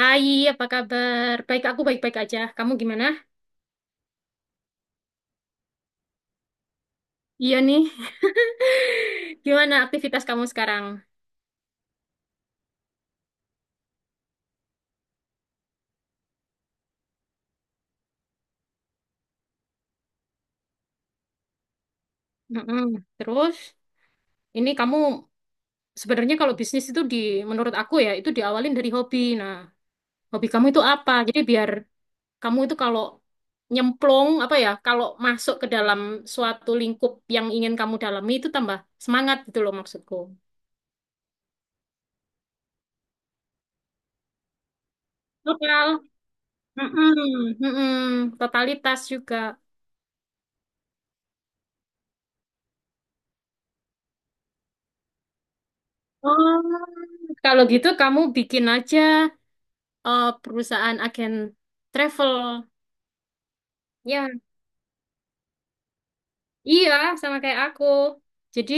Hai, apa kabar? Baik, aku baik-baik aja. Kamu gimana? Iya nih. Gimana aktivitas kamu sekarang? Mm-mm. Terus, ini kamu sebenarnya kalau bisnis itu menurut aku ya, itu diawalin dari hobi. Nah, hobi kamu itu apa? Jadi biar kamu itu kalau nyemplung, apa ya, kalau masuk ke dalam suatu lingkup yang ingin kamu dalami itu tambah semangat gitu loh maksudku. Total. Mm-mm. Mm-mm. Totalitas juga. Oh, kalau gitu kamu bikin aja perusahaan agen travel. Ya, iya sama kayak aku. Jadi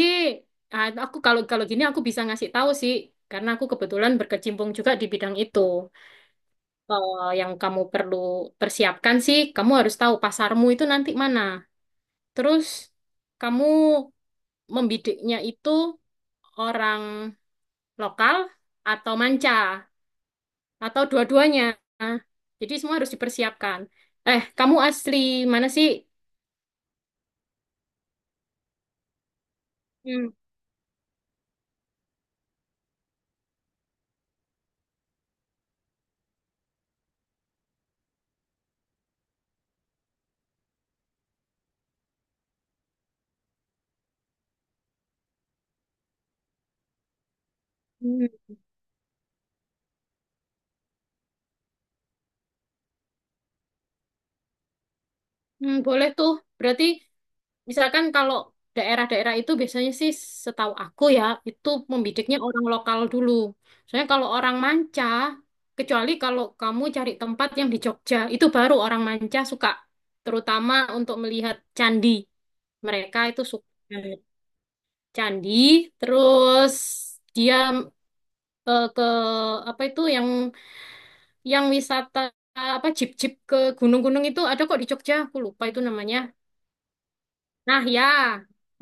aku kalau kalau gini aku bisa ngasih tahu sih karena aku kebetulan berkecimpung juga di bidang itu. Eh, yang kamu perlu persiapkan sih, kamu harus tahu pasarmu itu nanti mana. Terus kamu membidiknya itu orang lokal atau manca, atau dua-duanya. Jadi semua harus dipersiapkan. Kamu asli mana sih? Hmm, hmm, hmm, boleh tuh. Berarti misalkan kalau daerah-daerah itu biasanya sih setahu aku ya, itu membidiknya orang lokal dulu. Soalnya kalau orang manca, kecuali kalau kamu cari tempat yang di Jogja, itu baru orang manca suka. Terutama untuk melihat candi. Mereka itu suka candi, terus dia ke apa itu yang wisata apa jeep-jeep ke gunung-gunung itu ada kok di Jogja, aku lupa itu namanya. Nah, ya.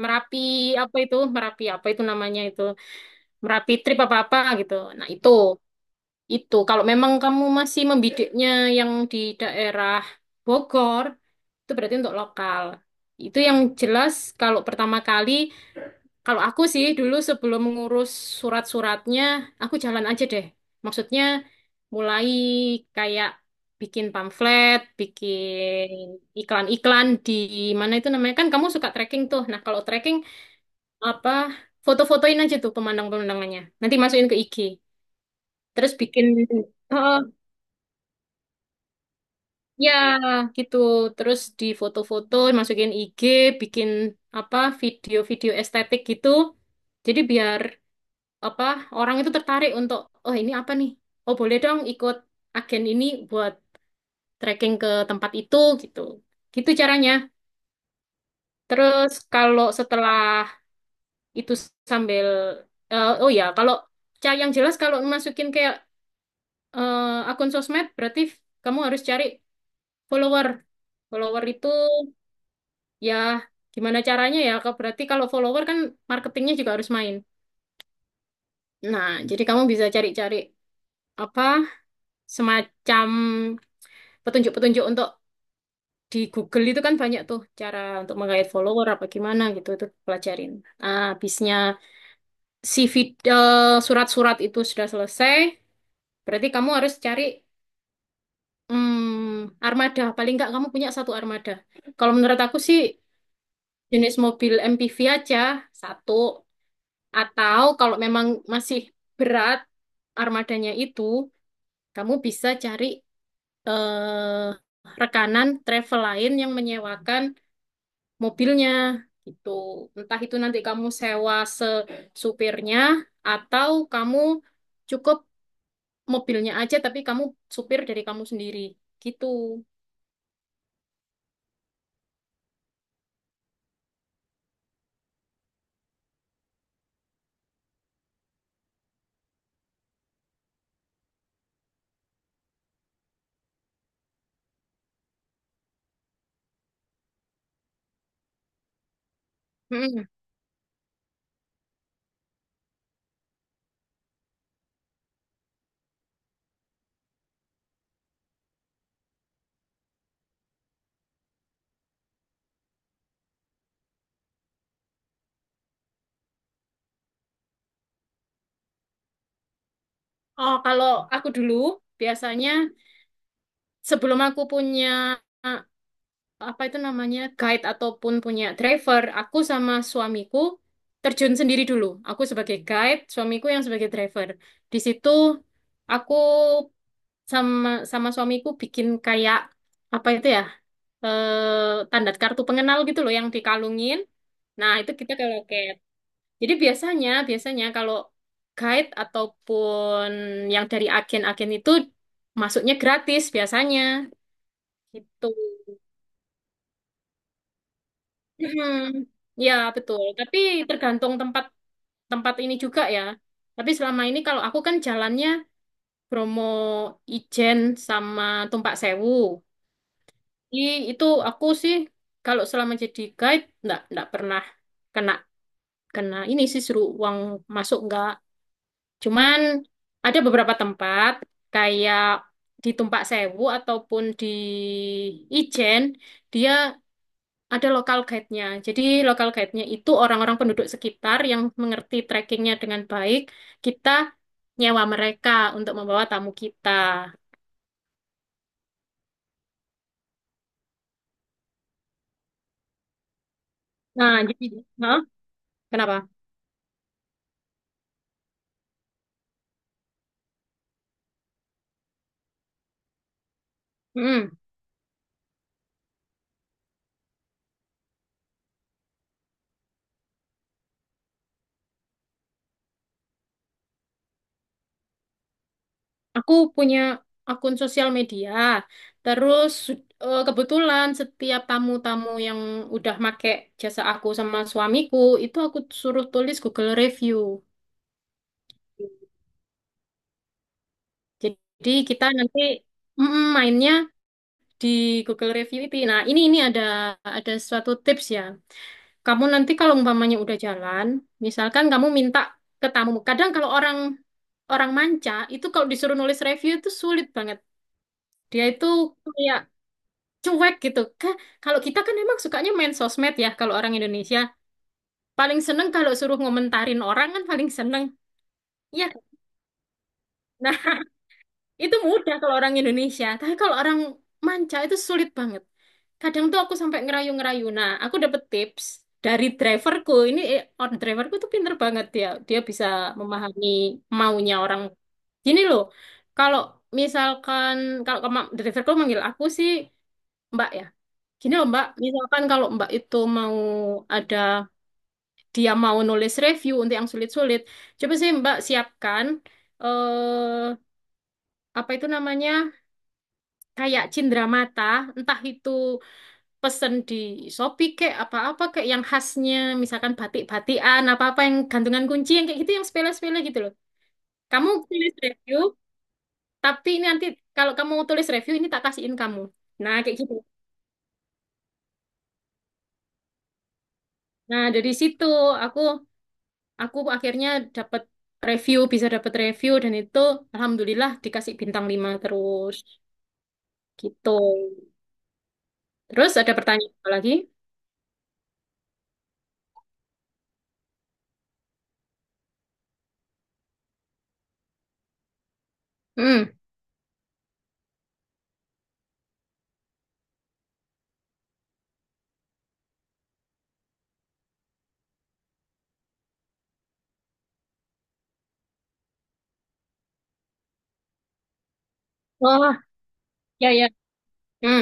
Merapi apa itu? Merapi apa itu namanya itu? Merapi trip apa-apa gitu. Nah, itu. Itu kalau memang kamu masih membidiknya yang di daerah Bogor, itu berarti untuk lokal. Itu yang jelas kalau pertama kali kalau aku sih dulu sebelum mengurus surat-suratnya, aku jalan aja deh. Maksudnya mulai kayak bikin pamflet, bikin iklan-iklan di mana itu namanya. Kan kamu suka trekking tuh. Nah, kalau trekking apa foto-fotoin aja tuh pemandangan-pemandangannya. Nanti masukin ke IG. Terus bikin oh, ya gitu. Terus di foto-foto masukin IG, bikin apa video-video estetik gitu. Jadi biar apa orang itu tertarik untuk oh ini apa nih oh boleh dong ikut agen ini buat trekking ke tempat itu gitu gitu caranya. Terus kalau setelah itu sambil oh ya kalau yang jelas kalau masukin kayak eh, akun sosmed berarti kamu harus cari follower follower itu ya gimana caranya ya berarti kalau follower kan marketingnya juga harus main. Nah jadi kamu bisa cari-cari apa semacam petunjuk-petunjuk untuk di Google itu kan banyak tuh cara untuk menggait follower apa gimana gitu itu pelajarin. Nah, habisnya surat-surat itu sudah selesai, berarti kamu harus cari armada. Paling nggak kamu punya satu armada. Kalau menurut aku sih jenis mobil MPV aja satu. Atau kalau memang masih berat armadanya itu, kamu bisa cari eh, rekanan travel lain yang menyewakan mobilnya gitu. Entah itu nanti kamu sewa supirnya atau kamu cukup mobilnya aja tapi kamu supir dari kamu sendiri gitu. Mm-mm. Oh, kalau aku dulu biasanya sebelum aku punya apa itu namanya guide ataupun punya driver, aku sama suamiku terjun sendiri dulu. Aku sebagai guide, suamiku yang sebagai driver. Di situ aku sama sama suamiku bikin kayak apa itu ya tanda kartu pengenal gitu loh yang dikalungin. Nah itu kita ke loket, jadi biasanya biasanya kalau guide ataupun yang dari agen-agen itu masuknya gratis biasanya gitu. Hmm, ya betul. Tapi tergantung tempat tempat ini juga ya. Tapi selama ini kalau aku kan jalannya Bromo, Ijen sama Tumpak Sewu. Ih, itu aku sih kalau selama jadi guide nggak pernah kena kena ini sih suruh uang masuk nggak. Cuman ada beberapa tempat kayak di Tumpak Sewu ataupun di Ijen dia ada lokal guide-nya. Jadi lokal guide-nya itu orang-orang penduduk sekitar yang mengerti trekkingnya dengan baik. Kita nyewa mereka untuk membawa tamu kita. Nah, jadi, hah? Kenapa? Mm-mm. Aku punya akun sosial media. Terus kebetulan setiap tamu-tamu yang udah make jasa aku sama suamiku itu aku suruh tulis Google review. Jadi kita nanti mainnya di Google review itu. Nah, ini ada suatu tips ya. Kamu nanti kalau umpamanya udah jalan, misalkan kamu minta ke tamu. Kadang kalau orang orang manca itu kalau disuruh nulis review itu sulit banget. Dia itu kayak cuek gitu. Kalau kita kan emang sukanya main sosmed ya kalau orang Indonesia. Paling seneng kalau suruh ngomentarin orang kan paling seneng. Ya, nah, itu mudah kalau orang Indonesia. Tapi kalau orang manca itu sulit banget. Kadang tuh aku sampai ngerayu-ngerayu. Nah, aku dapet tips dari driverku. Orang driverku tuh pinter banget dia. Dia bisa memahami maunya orang. Gini loh, kalau misalkan driverku manggil aku sih Mbak ya. Gini loh Mbak, misalkan kalau Mbak itu ada, dia mau nulis review untuk yang sulit-sulit, coba sih Mbak siapkan, eh, apa itu namanya, kayak cindramata, entah itu pesen di Shopee kayak apa-apa kayak yang khasnya, misalkan batik-batikan, apa-apa yang gantungan kunci, yang kayak gitu, yang sepele-sepele gitu loh. Kamu tulis review, tapi ini nanti kalau kamu tulis review, ini tak kasihin kamu. Nah, kayak gitu. Nah, dari situ aku aku akhirnya dapat review, bisa dapat review dan itu alhamdulillah dikasih bintang 5 terus gitu. Terus ada pertanyaan apa lagi? Hmm. Wah, ya ya. Hmm.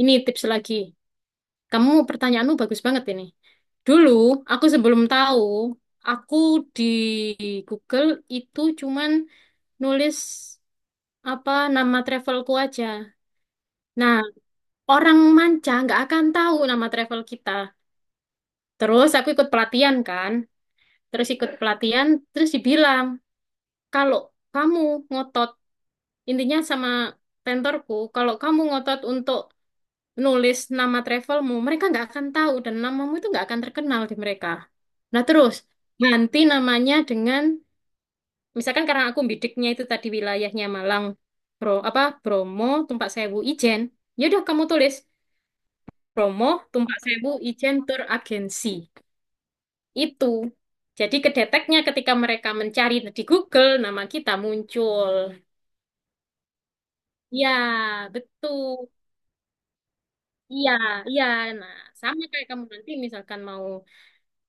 Ini tips lagi. Kamu pertanyaanmu bagus banget ini. Dulu aku sebelum tahu, aku di Google itu cuman nulis apa nama travelku aja. Nah, orang manca nggak akan tahu nama travel kita. Terus aku ikut pelatihan kan, terus ikut pelatihan, terus dibilang, kalau kamu ngotot, intinya sama tentorku, kalau kamu ngotot untuk nulis nama travelmu, mereka nggak akan tahu dan namamu itu nggak akan terkenal di mereka. Nah terus, ganti namanya dengan, misalkan karena aku bidiknya itu tadi wilayahnya Malang, Bromo, Tumpak Sewu, Ijen, ya udah kamu tulis Bromo, Tumpak Sewu, Ijen Tour Agency. Itu. Jadi kedeteknya ketika mereka mencari di Google, nama kita muncul. Ya, betul. Iya, iya. Nah, sama kayak kamu nanti misalkan mau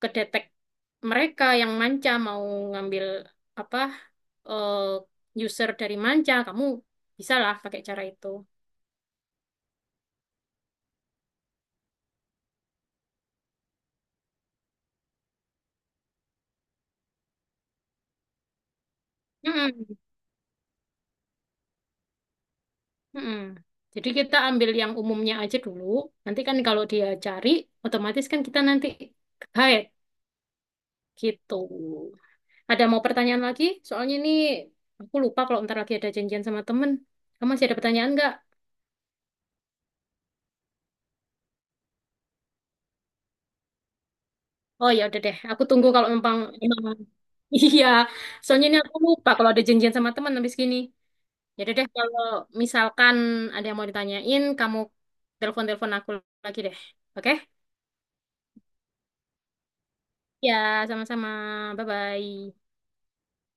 kedetek mereka yang manca, mau ngambil apa eh, user dari manca, kamu bisa lah pakai cara itu. Mm-mm, mm-mm. Jadi kita ambil yang umumnya aja dulu. Nanti kan kalau dia cari, otomatis kan kita nanti guide gitu. Ada mau pertanyaan lagi? Soalnya ini aku lupa kalau ntar lagi ada janjian sama temen. Kamu masih ada pertanyaan nggak? Oh ya udah deh, aku tunggu kalau memang emang iya. Soalnya ini aku lupa kalau ada janjian sama teman habis gini. Ya udah deh kalau misalkan ada yang mau ditanyain, kamu telepon-telepon aku lagi deh. Oke? Ya, sama-sama. Bye-bye.